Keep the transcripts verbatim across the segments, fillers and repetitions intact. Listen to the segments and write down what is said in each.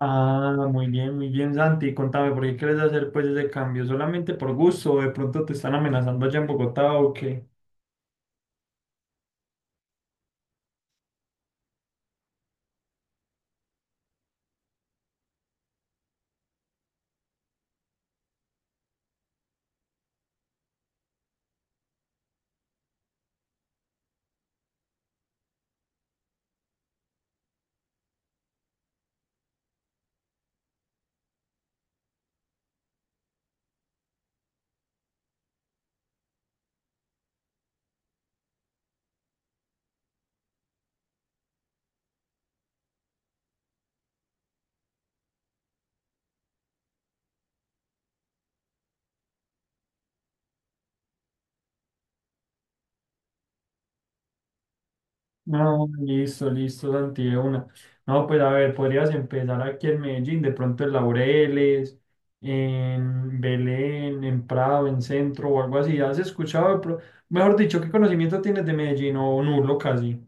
Ah, muy bien, muy bien, Santi. Contame, ¿por qué quieres hacer pues ese cambio? ¿Solamente por gusto o de pronto te están amenazando allá en Bogotá o qué? No, listo, listo, Santi, de una. No, pues a ver, podrías empezar aquí en Medellín, de pronto en Laureles, en Belén, en Prado, en Centro o algo así. ¿Has escuchado? de pro- Mejor dicho, ¿qué conocimiento tienes de Medellín o nulo casi?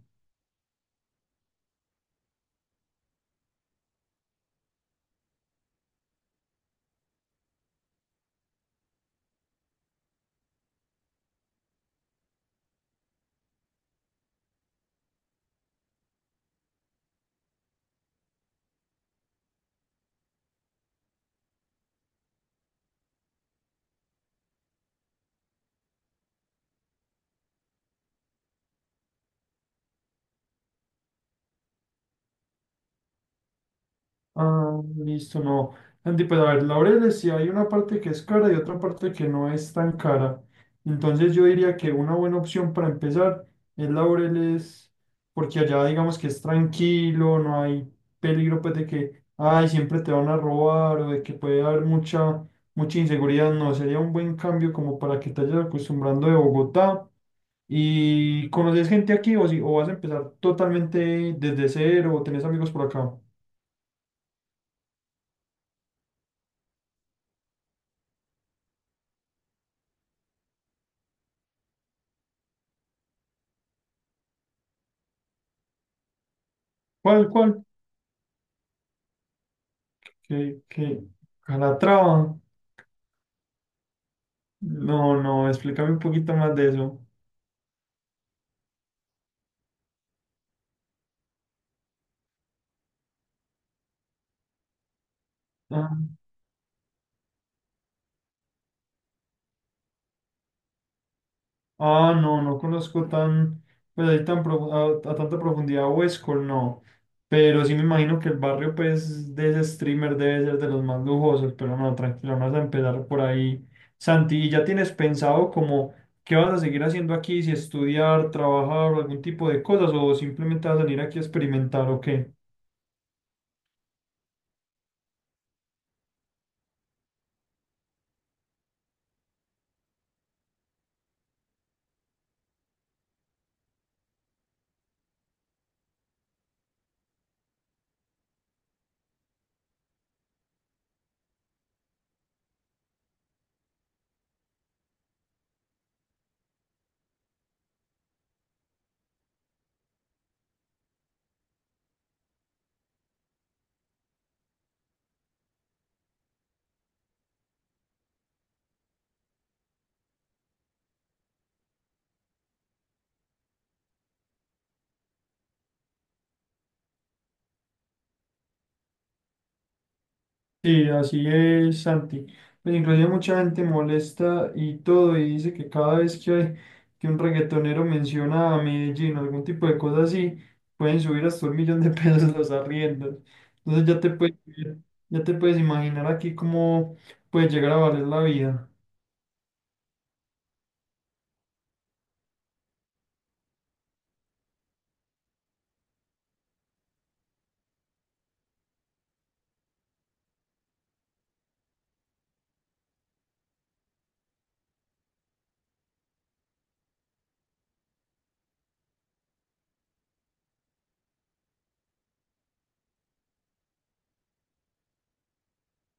Ah, listo, no. Andy, pues a ver, Laureles, si hay una parte que es cara y otra parte que no es tan cara. Entonces yo diría que una buena opción para empezar es Laureles, porque allá digamos que es tranquilo, no hay peligro pues de que, ay, siempre te van a robar o de que puede haber mucha, mucha inseguridad. No, sería un buen cambio como para que te vayas acostumbrando de Bogotá. ¿Y conoces gente aquí o, si, o vas a empezar totalmente desde cero o tenés amigos por acá? ¿Cuál, cuál? que, que Calatrava. No, no, explícame un poquito más de eso. Ah, ah, no, no conozco tan, pues ahí tan profu- a, a tanta profundidad Huescol, no. Pero sí me imagino que el barrio, pues, de ese streamer debe ser de los más lujosos. Pero no, tranquilo, vamos a empezar por ahí. Santi, ¿y ya tienes pensado como qué vas a seguir haciendo aquí? Si estudiar, trabajar o algún tipo de cosas, o simplemente vas a venir aquí a experimentar o qué? Sí, así es, Santi. Pues inclusive mucha gente molesta y todo, y dice que cada vez que, hay- que un reggaetonero menciona a Medellín o algún tipo de cosa así, pueden subir hasta un millón de pesos los arriendos. Entonces ya te puedes, ya te puedes imaginar aquí cómo puede llegar a valer la vida.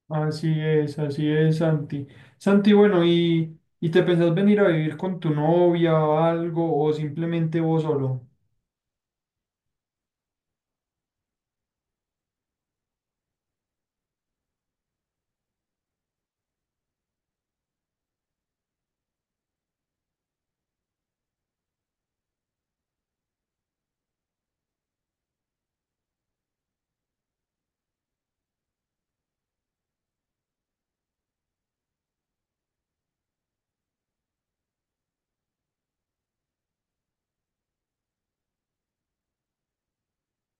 Así es, así es, Santi. Santi, bueno, ¿y, y te pensás venir a vivir con tu novia o algo, o simplemente vos solo?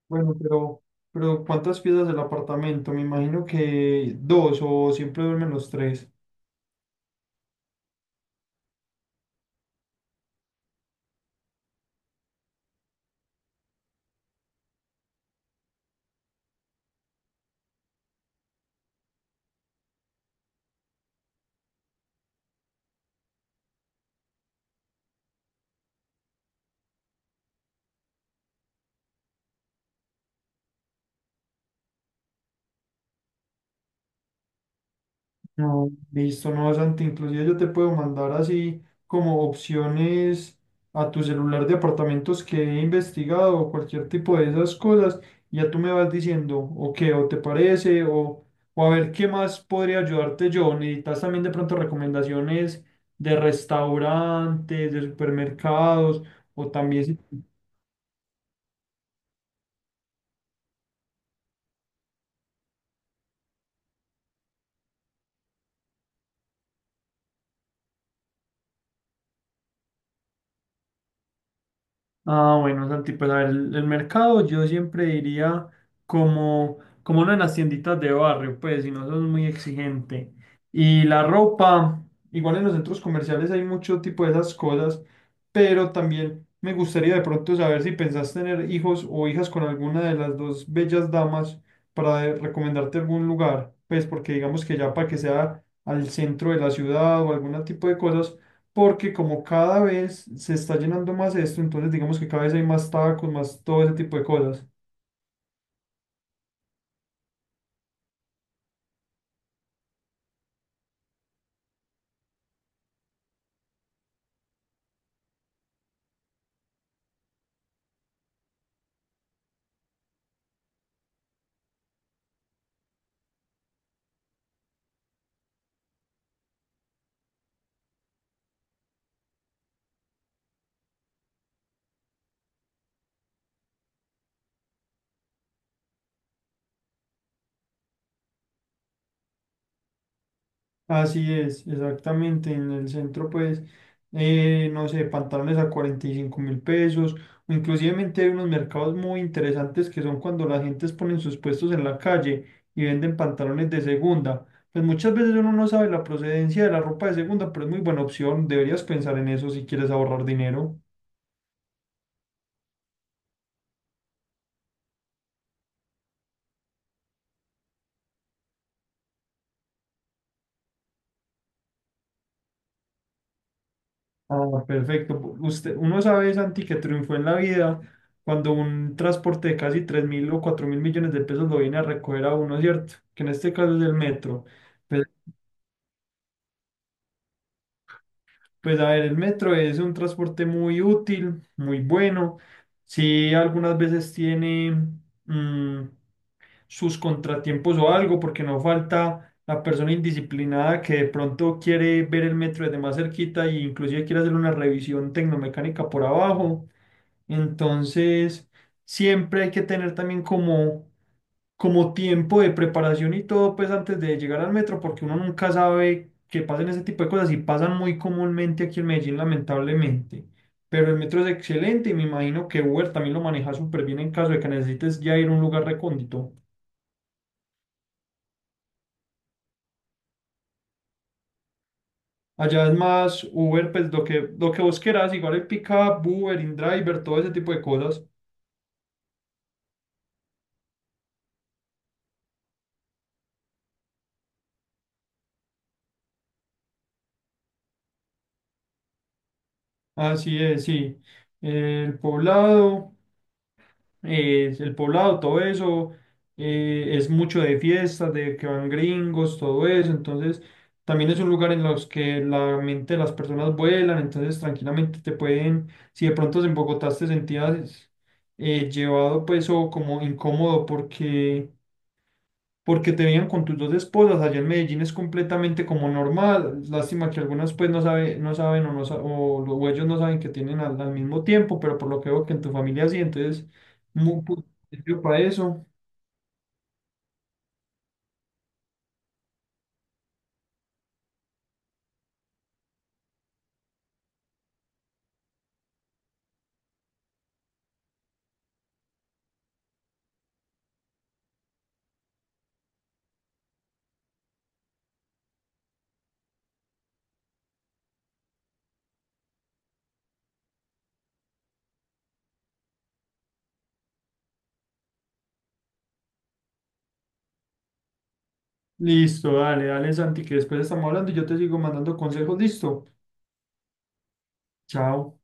Bueno, pero, pero ¿cuántas piezas del apartamento? Me imagino que dos o siempre duermen los tres. No, listo, no, Santi. Inclusive yo te puedo mandar así como opciones a tu celular de apartamentos que he investigado o cualquier tipo de esas cosas. Y ya tú me vas diciendo, o qué, o te parece, o, o a ver qué más podría ayudarte yo. Necesitas también de pronto recomendaciones de restaurantes, de supermercados, o también si. Ah, bueno, Santi, pues a ver, el, el mercado yo siempre diría como, como una de las tienditas de barrio, pues si no sos muy exigente. Y la ropa, igual en los centros comerciales hay mucho tipo de esas cosas, pero también me gustaría de pronto saber si pensás tener hijos o hijas con alguna de las dos bellas damas para eh, recomendarte algún lugar, pues porque digamos que ya para que sea al centro de la ciudad o algún tipo de cosas porque como cada vez se está llenando más esto, entonces digamos que cada vez hay más tacos, más todo ese tipo de cosas. Así es, exactamente. En el centro, pues, eh, no sé, pantalones a cuarenta y cinco mil pesos. O inclusivemente hay unos mercados muy interesantes que son cuando las gentes ponen sus puestos en la calle y venden pantalones de segunda. Pues muchas veces uno no sabe la procedencia de la ropa de segunda, pero es muy buena opción. Deberías pensar en eso si quieres ahorrar dinero. Ah, perfecto. Usted, uno sabe, Santi, que triunfó en la vida cuando un transporte de casi tres mil o cuatro mil millones de pesos lo viene a recoger a uno, ¿cierto? Que en este caso es el metro. Pues, pues a ver, el metro es un transporte muy útil, muy bueno. Sí, algunas veces tiene mm, sus contratiempos o algo, porque no falta la persona indisciplinada que de pronto quiere ver el metro desde más cerquita e inclusive quiere hacer una revisión tecnomecánica por abajo. Entonces, siempre hay que tener también como, como tiempo de preparación y todo, pues antes de llegar al metro, porque uno nunca sabe que pasen ese tipo de cosas y pasan muy comúnmente aquí en Medellín, lamentablemente. Pero el metro es excelente y me imagino que Uber también lo maneja súper bien en caso de que necesites ya ir a un lugar recóndito. Allá es más Uber, pues lo que, lo que vos quieras, igual el pickup, Uber, InDriver, todo ese tipo de cosas. Así es, sí. El poblado. Eh, el poblado, todo eso, eh, es mucho de fiestas, de que van gringos, todo eso, entonces también es un lugar en los que la mente de las personas vuelan, entonces tranquilamente te pueden, si de pronto en Bogotá te sentías eh, llevado pues o como incómodo porque porque te veían con tus dos esposas. Allá en Medellín es completamente como normal. Lástima que algunas pues no sabe, no saben o, no, sa- o, lo- o ellos no saben que tienen al, al mismo tiempo, pero por lo que veo que en tu familia sí, entonces, muy positivo para eso. Listo, dale, dale, Santi, que después estamos hablando y yo te sigo mandando consejos. Listo, chao.